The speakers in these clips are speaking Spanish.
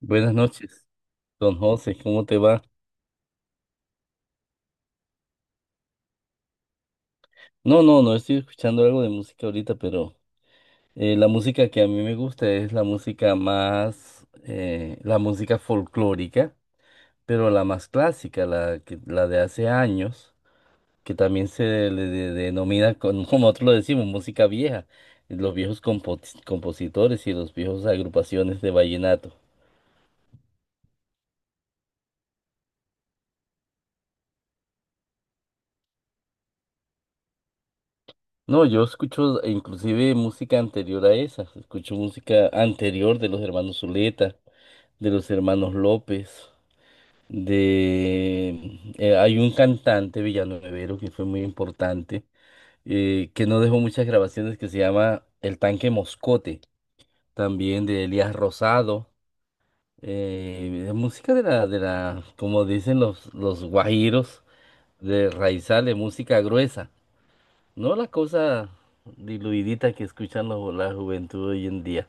Buenas noches, don José, ¿cómo te va? No estoy escuchando algo de música ahorita, pero la música que a mí me gusta es la música más, la música folclórica, pero la más clásica, la de hace años, que también se denomina, como nosotros lo decimos, música vieja, los compositores y los viejos agrupaciones de vallenato. No, yo escucho inclusive música anterior a esa, escucho música anterior de los hermanos Zuleta, de los hermanos López, de hay un cantante villanuevero que fue muy importante, que no dejó muchas grabaciones, que se llama El Tanque Moscote, también de Elías Rosado, de música de la, como dicen los guajiros, de raizales, música gruesa, no la cosa diluidita que escuchan la juventud hoy en día.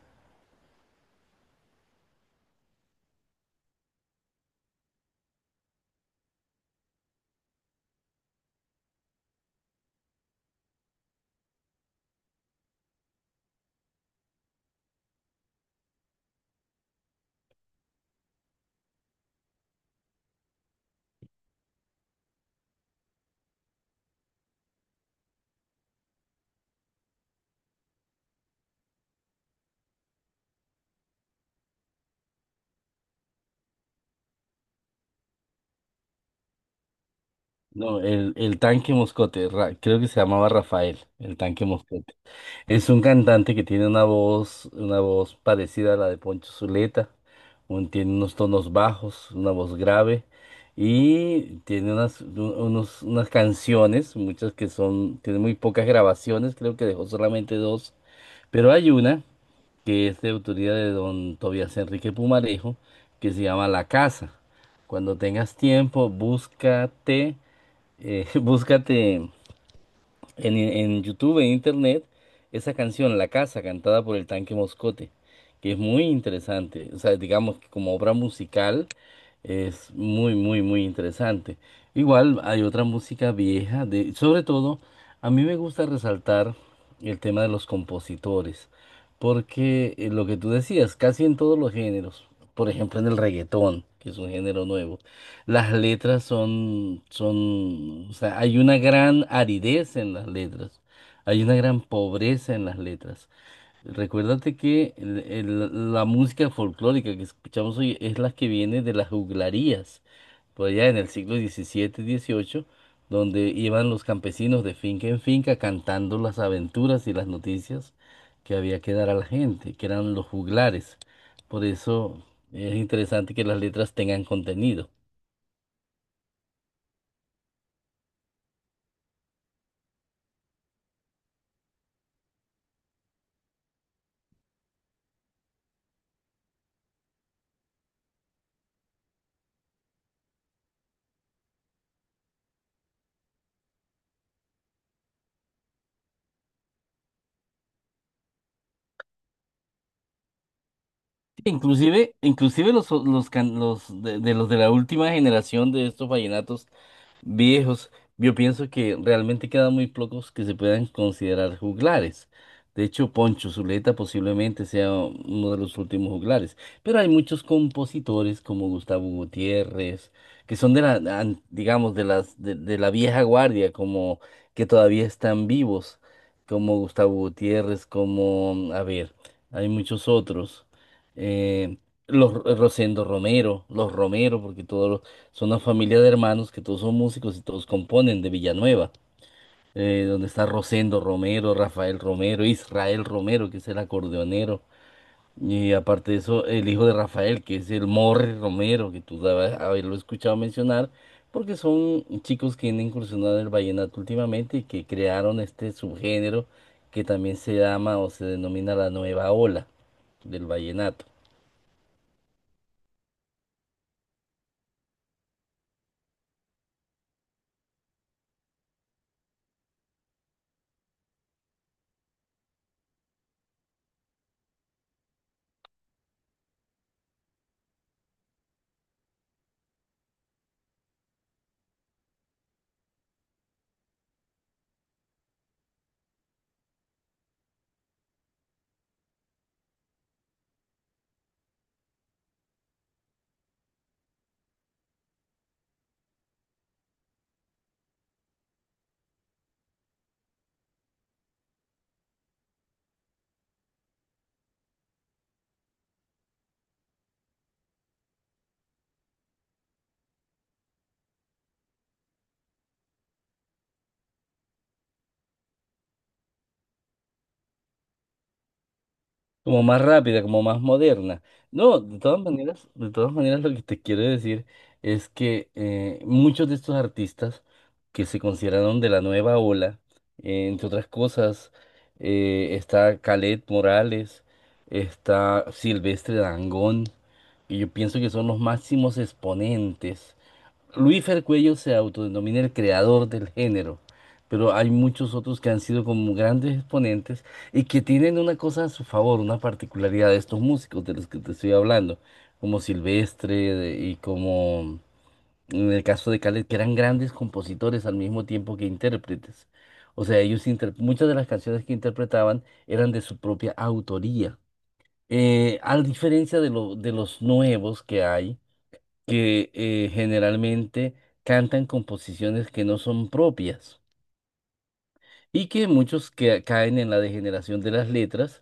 No, el Tanque Moscote, creo que se llamaba Rafael, el Tanque Moscote. Es un cantante que tiene una voz parecida a la de Poncho Zuleta, tiene unos tonos bajos, una voz grave y tiene unas canciones, muchas que son, tiene muy pocas grabaciones, creo que dejó solamente dos, pero hay una que es de autoría de don Tobias Enrique Pumarejo, que se llama La Casa. Cuando tengas tiempo, búscate eh, búscate en, en YouTube, en Internet, esa canción, La Casa, cantada por el Tanque Moscote, que es muy interesante. O sea, digamos que como obra musical es muy, muy, muy interesante. Igual hay otra música vieja, de, sobre todo, a mí me gusta resaltar el tema de los compositores, porque lo que tú decías, casi en todos los géneros, por ejemplo en el reggaetón, que es un género nuevo, las letras son, o sea, hay una gran aridez en las letras, hay una gran pobreza en las letras. Recuérdate que la música folclórica que escuchamos hoy es la que viene de las juglarías, por allá en el siglo XVII, XVIII, donde iban los campesinos de finca en finca cantando las aventuras y las noticias que había que dar a la gente, que eran los juglares. Por eso es interesante que las letras tengan contenido. Inclusive, los de los de la última generación de estos vallenatos viejos, yo pienso que realmente quedan muy pocos que se puedan considerar juglares. De hecho, Poncho Zuleta posiblemente sea uno de los últimos juglares. Pero hay muchos compositores como Gustavo Gutiérrez, que son de la, digamos, de de la vieja guardia, como que todavía están vivos, como Gustavo Gutiérrez, como, a ver, hay muchos otros. Eh, los Rosendo Romero, los Romero, porque todos los son una familia de hermanos que todos son músicos y todos componen de Villanueva, donde está Rosendo Romero, Rafael Romero, Israel Romero, que es el acordeonero. Y aparte de eso, el hijo de Rafael, que es el Morre Romero, que tú debes haberlo escuchado mencionar, porque son chicos que han incursionado en el vallenato últimamente y que crearon este subgénero que también se llama o se denomina la nueva ola del vallenato. Como más rápida, como más moderna. No, de todas maneras lo que te quiero decir es que muchos de estos artistas que se consideraron de la nueva ola, entre otras cosas, está Kaleth Morales, está Silvestre Dangond, y yo pienso que son los máximos exponentes. Luis Fer Cuello se autodenomina el creador del género, pero hay muchos otros que han sido como grandes exponentes y que tienen una cosa a su favor, una particularidad de estos músicos de los que te estoy hablando, como y como en el caso de Khaled, que eran grandes compositores al mismo tiempo que intérpretes. O sea, muchas de las canciones que interpretaban eran de su propia autoría. A diferencia de los nuevos que hay, que generalmente cantan composiciones que no son propias y que muchos que caen en la degeneración de las letras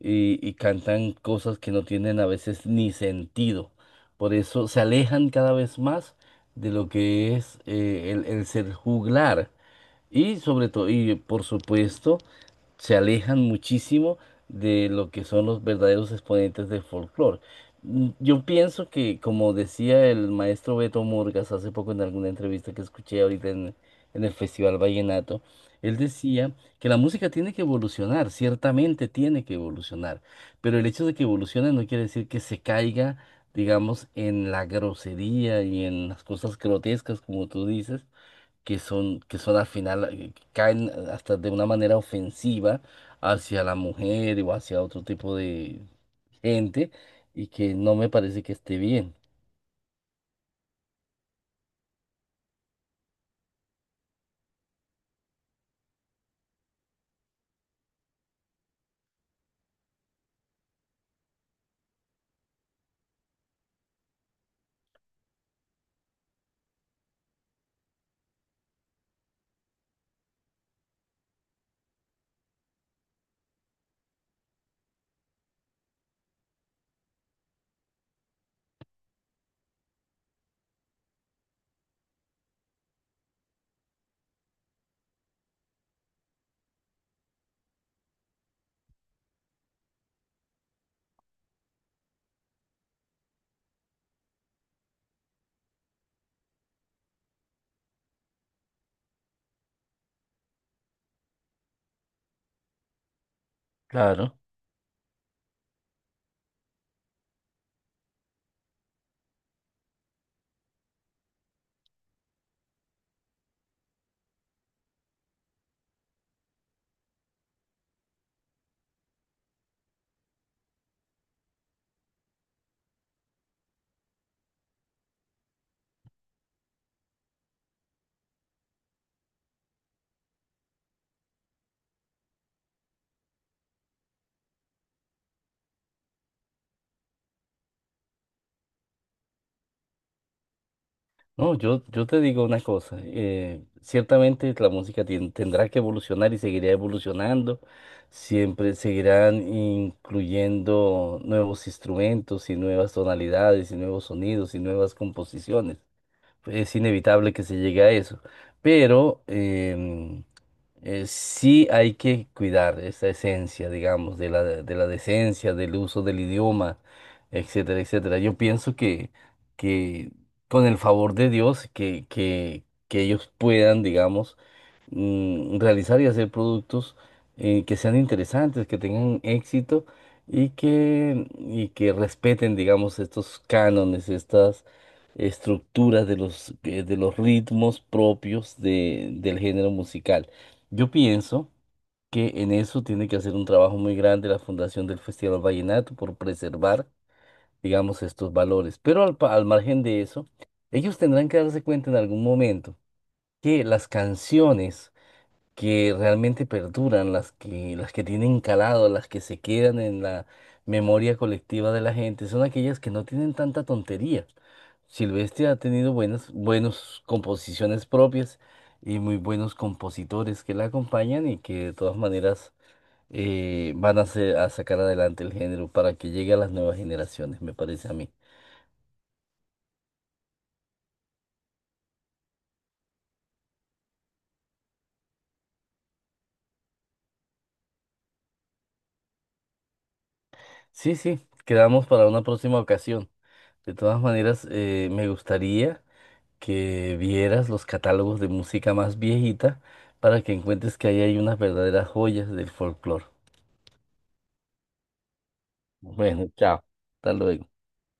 y cantan cosas que no tienen a veces ni sentido. Por eso se alejan cada vez más de lo que es el ser juglar y sobre todo, y por supuesto, se alejan muchísimo de lo que son los verdaderos exponentes del folclore. Mm, Yo pienso que, como decía el maestro Beto Murgas hace poco en alguna entrevista que escuché ahorita en el Festival Vallenato, él decía que la música tiene que evolucionar, ciertamente tiene que evolucionar, pero el hecho de que evolucione no quiere decir que se caiga, digamos, en la grosería y en las cosas grotescas, como tú dices, que son al final, caen hasta de una manera ofensiva hacia la mujer o hacia otro tipo de gente y que no me parece que esté bien. Claro. No, yo te digo una cosa, ciertamente la música tendrá que evolucionar y seguirá evolucionando, siempre seguirán incluyendo nuevos instrumentos y nuevas tonalidades y nuevos sonidos y nuevas composiciones. Es inevitable que se llegue a eso. Pero sí hay que cuidar esa esencia, digamos, de de la decencia, del uso del idioma, etcétera, etcétera. Yo pienso que con el favor de Dios, que ellos puedan, digamos, realizar y hacer productos que sean interesantes, que tengan éxito y que respeten, digamos, estos cánones, estas estructuras de los ritmos propios del género musical. Yo pienso que en eso tiene que hacer un trabajo muy grande la Fundación del Festival Vallenato por preservar, digamos, estos valores. Pero al margen de eso, ellos tendrán que darse cuenta en algún momento que las canciones que realmente perduran, las que tienen calado, las que se quedan en la memoria colectiva de la gente, son aquellas que no tienen tanta tontería. Silvestre ha tenido buenas composiciones propias y muy buenos compositores que la acompañan y que de todas maneras a sacar adelante el género para que llegue a las nuevas generaciones, me parece a mí. Sí, sí, quedamos para una próxima ocasión. De todas maneras, me gustaría que vieras los catálogos de música más viejita para que encuentres que ahí hay unas verdaderas joyas del folclore. Bueno, chao. Hasta luego.